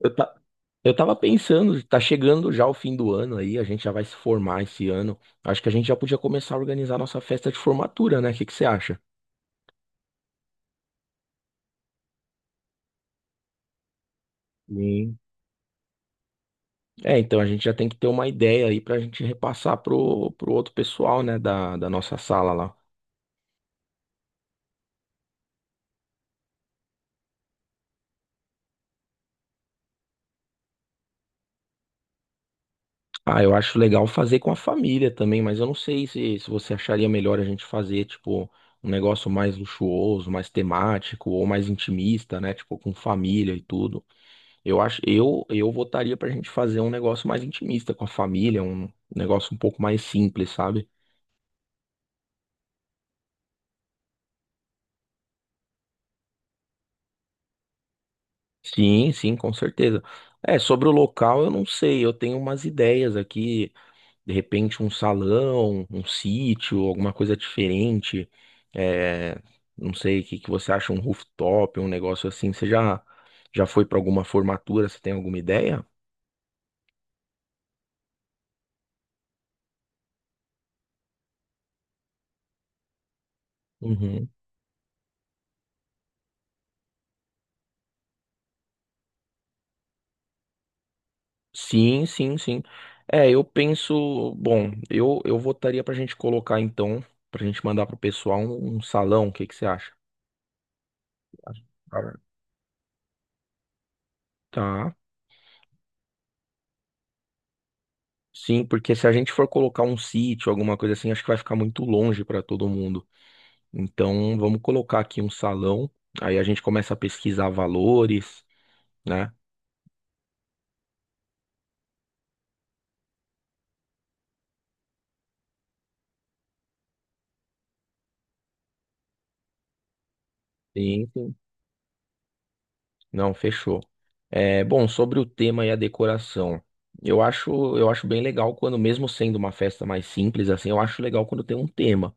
Eu, ta... eu tava pensando, tá chegando já o fim do ano aí, a gente já vai se formar esse ano. Acho que a gente já podia começar a organizar nossa festa de formatura, né? O que que você acha? Sim. É, então a gente já tem que ter uma ideia aí pra gente repassar pro outro pessoal, né, da nossa sala lá. Ah, eu acho legal fazer com a família também, mas eu não sei se você acharia melhor a gente fazer, tipo, um negócio mais luxuoso, mais temático ou mais intimista, né, tipo, com família e tudo. Eu votaria pra gente fazer um negócio mais intimista com a família, um negócio um pouco mais simples, sabe? Sim, sim, com certeza. É, sobre o local, eu não sei, eu tenho umas ideias aqui, de repente um salão, um sítio, alguma coisa diferente. É, não sei, o que que você acha, um rooftop, um negócio assim. Você já foi pra alguma formatura? Você tem alguma ideia? Uhum. Sim, sim, sim. É, eu penso, bom, eu votaria pra gente mandar pro pessoal um salão, o que que você acha? Cara. Tá. Sim, porque se a gente for colocar um sítio, alguma coisa assim, acho que vai ficar muito longe pra todo mundo. Então, vamos colocar aqui um salão, aí a gente começa a pesquisar valores, né? Sim, sim. Não, fechou. É, bom, sobre o tema e a decoração, eu acho bem legal quando, mesmo sendo uma festa mais simples, assim, eu acho legal quando tem um tema.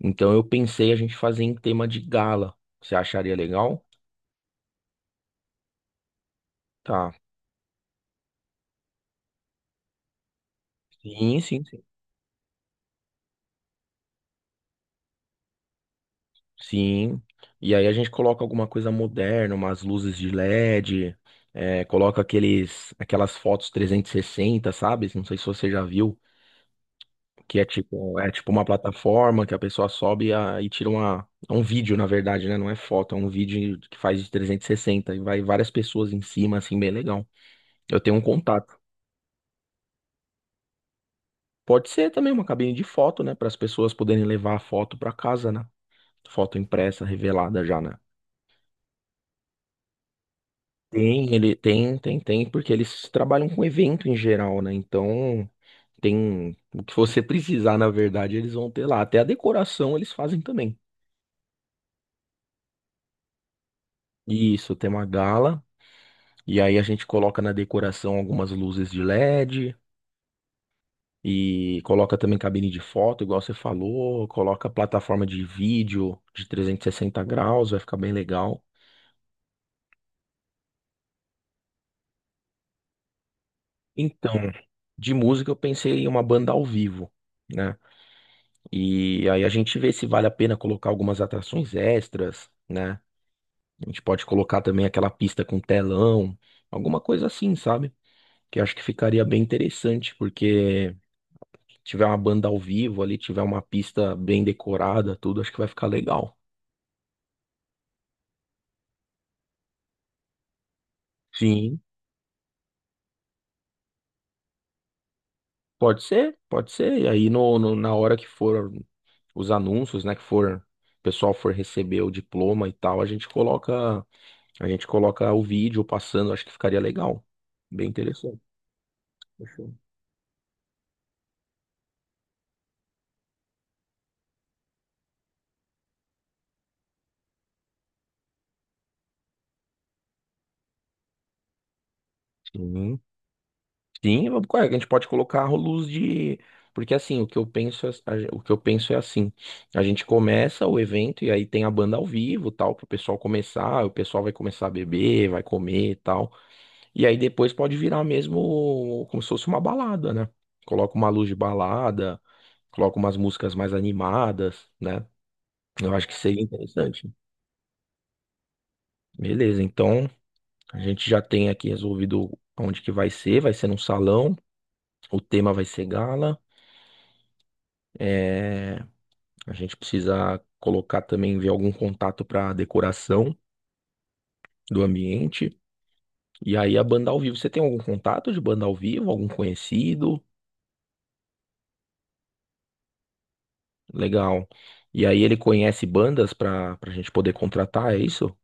Então eu pensei a gente fazer em tema de gala. Você acharia legal? Tá. Sim, sim, sim. Sim. E aí a gente coloca alguma coisa moderna, umas luzes de LED, é, coloca aquelas fotos 360, sabe? Não sei se você já viu. Que é tipo uma plataforma que a pessoa sobe e tira uma, é um vídeo, na verdade, né? Não é foto, é um vídeo que faz de 360 e vai várias pessoas em cima, assim, bem legal. Eu tenho um contato. Pode ser também uma cabine de foto, né? Para as pessoas poderem levar a foto para casa, né? Foto impressa, revelada já, né? Ele tem, porque eles trabalham com evento em geral, né? Então, tem o que você precisar, na verdade, eles vão ter lá. Até a decoração eles fazem também. Isso, tem uma gala. E aí a gente coloca na decoração algumas luzes de LED e coloca também cabine de foto, igual você falou, coloca plataforma de vídeo de 360 graus, vai ficar bem legal. Então, de música eu pensei em uma banda ao vivo, né? E aí a gente vê se vale a pena colocar algumas atrações extras, né? A gente pode colocar também aquela pista com telão, alguma coisa assim, sabe? Que eu acho que ficaria bem interessante, porque tiver uma banda ao vivo ali, tiver uma pista bem decorada, tudo, acho que vai ficar legal. Sim, pode ser, pode ser. E aí na hora que for os anúncios, né, que for o pessoal for receber o diploma e tal, a gente coloca o vídeo passando, acho que ficaria legal. Bem interessante. Fechou. Sim. Sim, ué, a gente pode colocar rolos de. Porque assim, o que eu penso, é- a o que eu penso é assim, a gente começa o evento e aí tem a banda ao vivo, tal, pro pessoal começar, o pessoal vai começar a beber, vai comer, e tal. E aí depois pode virar mesmo como se fosse uma balada, né? Coloca uma luz de balada, coloca umas músicas mais animadas, né? Eu acho que seria interessante. Beleza, então a gente já tem aqui resolvido onde que vai ser num salão, o tema vai ser gala. É. A gente precisa colocar também, ver algum contato para decoração do ambiente. E aí a banda ao vivo. Você tem algum contato de banda ao vivo? Algum conhecido? Legal. E aí ele conhece bandas para a gente poder contratar, é isso?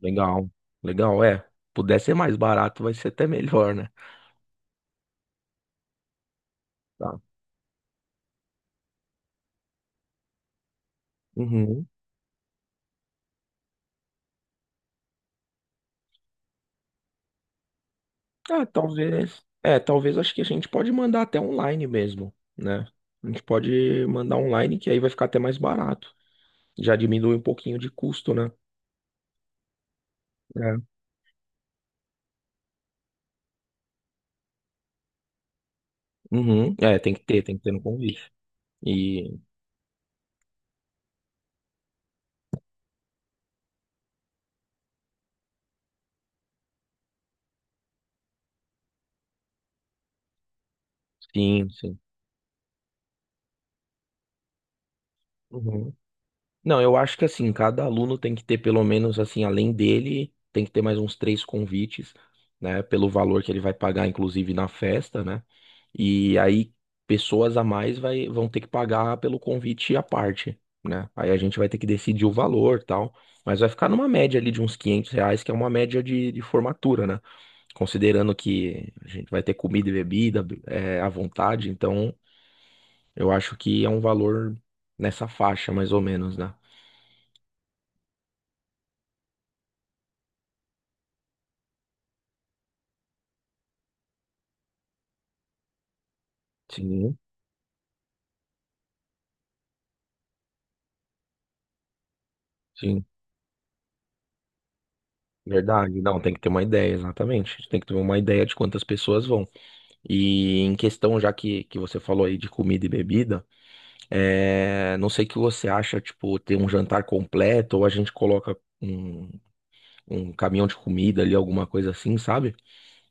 Legal. Legal, é. Puder ser mais barato, vai ser até melhor, né? Tá. Uhum. Ah, talvez. É, talvez acho que a gente pode mandar até online mesmo, né? A gente pode mandar online, que aí vai ficar até mais barato. Já diminui um pouquinho de custo, né? É. Uhum. É, tem que ter no convite. E sim, sim. Uhum. Não, eu acho que assim, cada aluno tem que ter pelo menos assim, além dele, tem que ter mais uns três convites, né? Pelo valor que ele vai pagar, inclusive na festa, né? E aí pessoas a mais vai, vão ter que pagar pelo convite à parte, né? Aí a gente vai ter que decidir o valor, tal. Mas vai ficar numa média ali de uns R$ 500, que é uma média de formatura, né? Considerando que a gente vai ter comida e bebida, é, à vontade, então eu acho que é um valor nessa faixa, mais ou menos, né? Sim, sim. Verdade. Não, tem que ter uma ideia, exatamente. A gente tem que ter uma ideia de quantas pessoas vão. E em questão, já que você falou aí de comida e bebida, é... não sei o que você acha, tipo, ter um jantar completo ou a gente coloca um, um caminhão de comida ali, alguma coisa assim, sabe?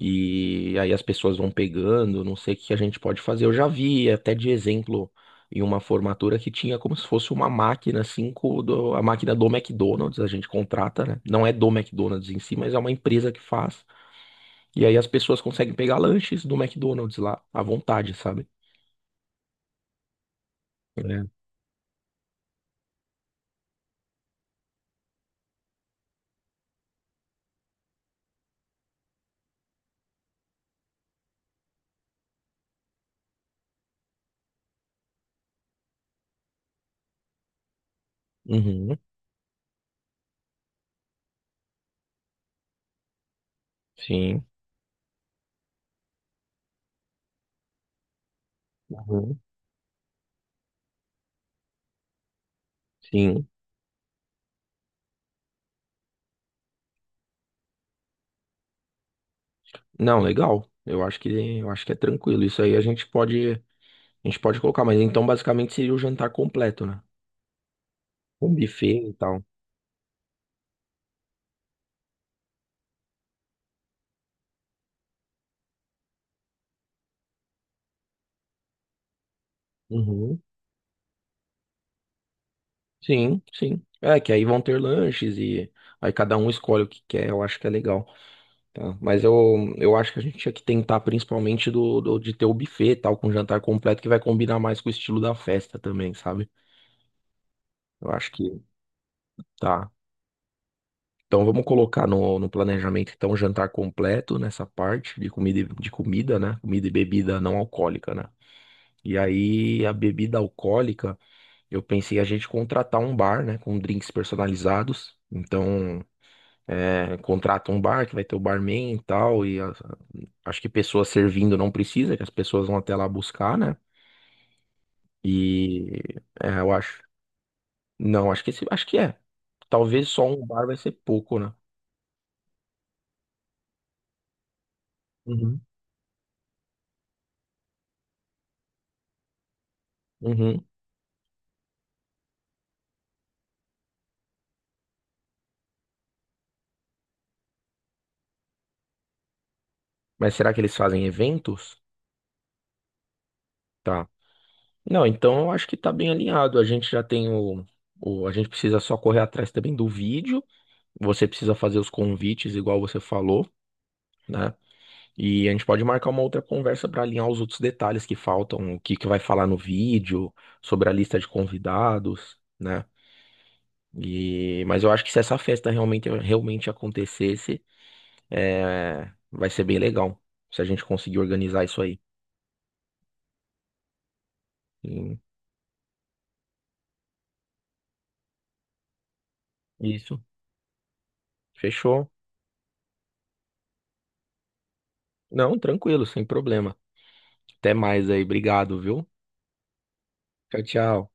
E aí as pessoas vão pegando, não sei o que a gente pode fazer. Eu já vi até de exemplo em uma formatura que tinha como se fosse uma máquina, assim, a máquina do McDonald's, a gente contrata, né? Não é do McDonald's em si, mas é uma empresa que faz. E aí as pessoas conseguem pegar lanches do McDonald's lá, à vontade, sabe? É. Uhum, sim, uhum, sim. Não, legal. Eu acho que é tranquilo. Isso aí a gente pode colocar, mas então basicamente seria o jantar completo, né? Um buffet e tal. Uhum. Sim, sim. É, que aí vão ter lanches e aí cada um escolhe o que quer, eu acho que é legal. Tá? Mas eu acho que a gente tinha que tentar principalmente de ter o buffet tal, com jantar completo, que vai combinar mais com o estilo da festa também, sabe? Eu acho que tá. Então vamos colocar no, no planejamento então jantar completo nessa parte de comida, né? Comida e bebida não alcoólica, né? E aí a bebida alcoólica, eu pensei a gente contratar um bar, né? Com drinks personalizados. Então. É, contrata um bar que vai ter o barman e tal, acho que pessoas servindo não precisa, que as pessoas vão até lá buscar, né? E é, eu acho. Não, acho que acho que é. Talvez só um bar vai ser pouco, né? Uhum. Uhum. Mas será que eles fazem eventos? Tá. Não, então eu acho que tá bem alinhado. A gente já tem a gente precisa só correr atrás também do vídeo. Você precisa fazer os convites, igual você falou, né? E a gente pode marcar uma outra conversa para alinhar os outros detalhes que faltam, o que que vai falar no vídeo, sobre a lista de convidados, né? E, mas eu acho que se essa festa realmente, realmente acontecesse, é, vai ser bem legal. Se a gente conseguir organizar isso aí. E. Isso. Fechou? Não, tranquilo, sem problema. Até mais aí. Obrigado, viu? Tchau, tchau.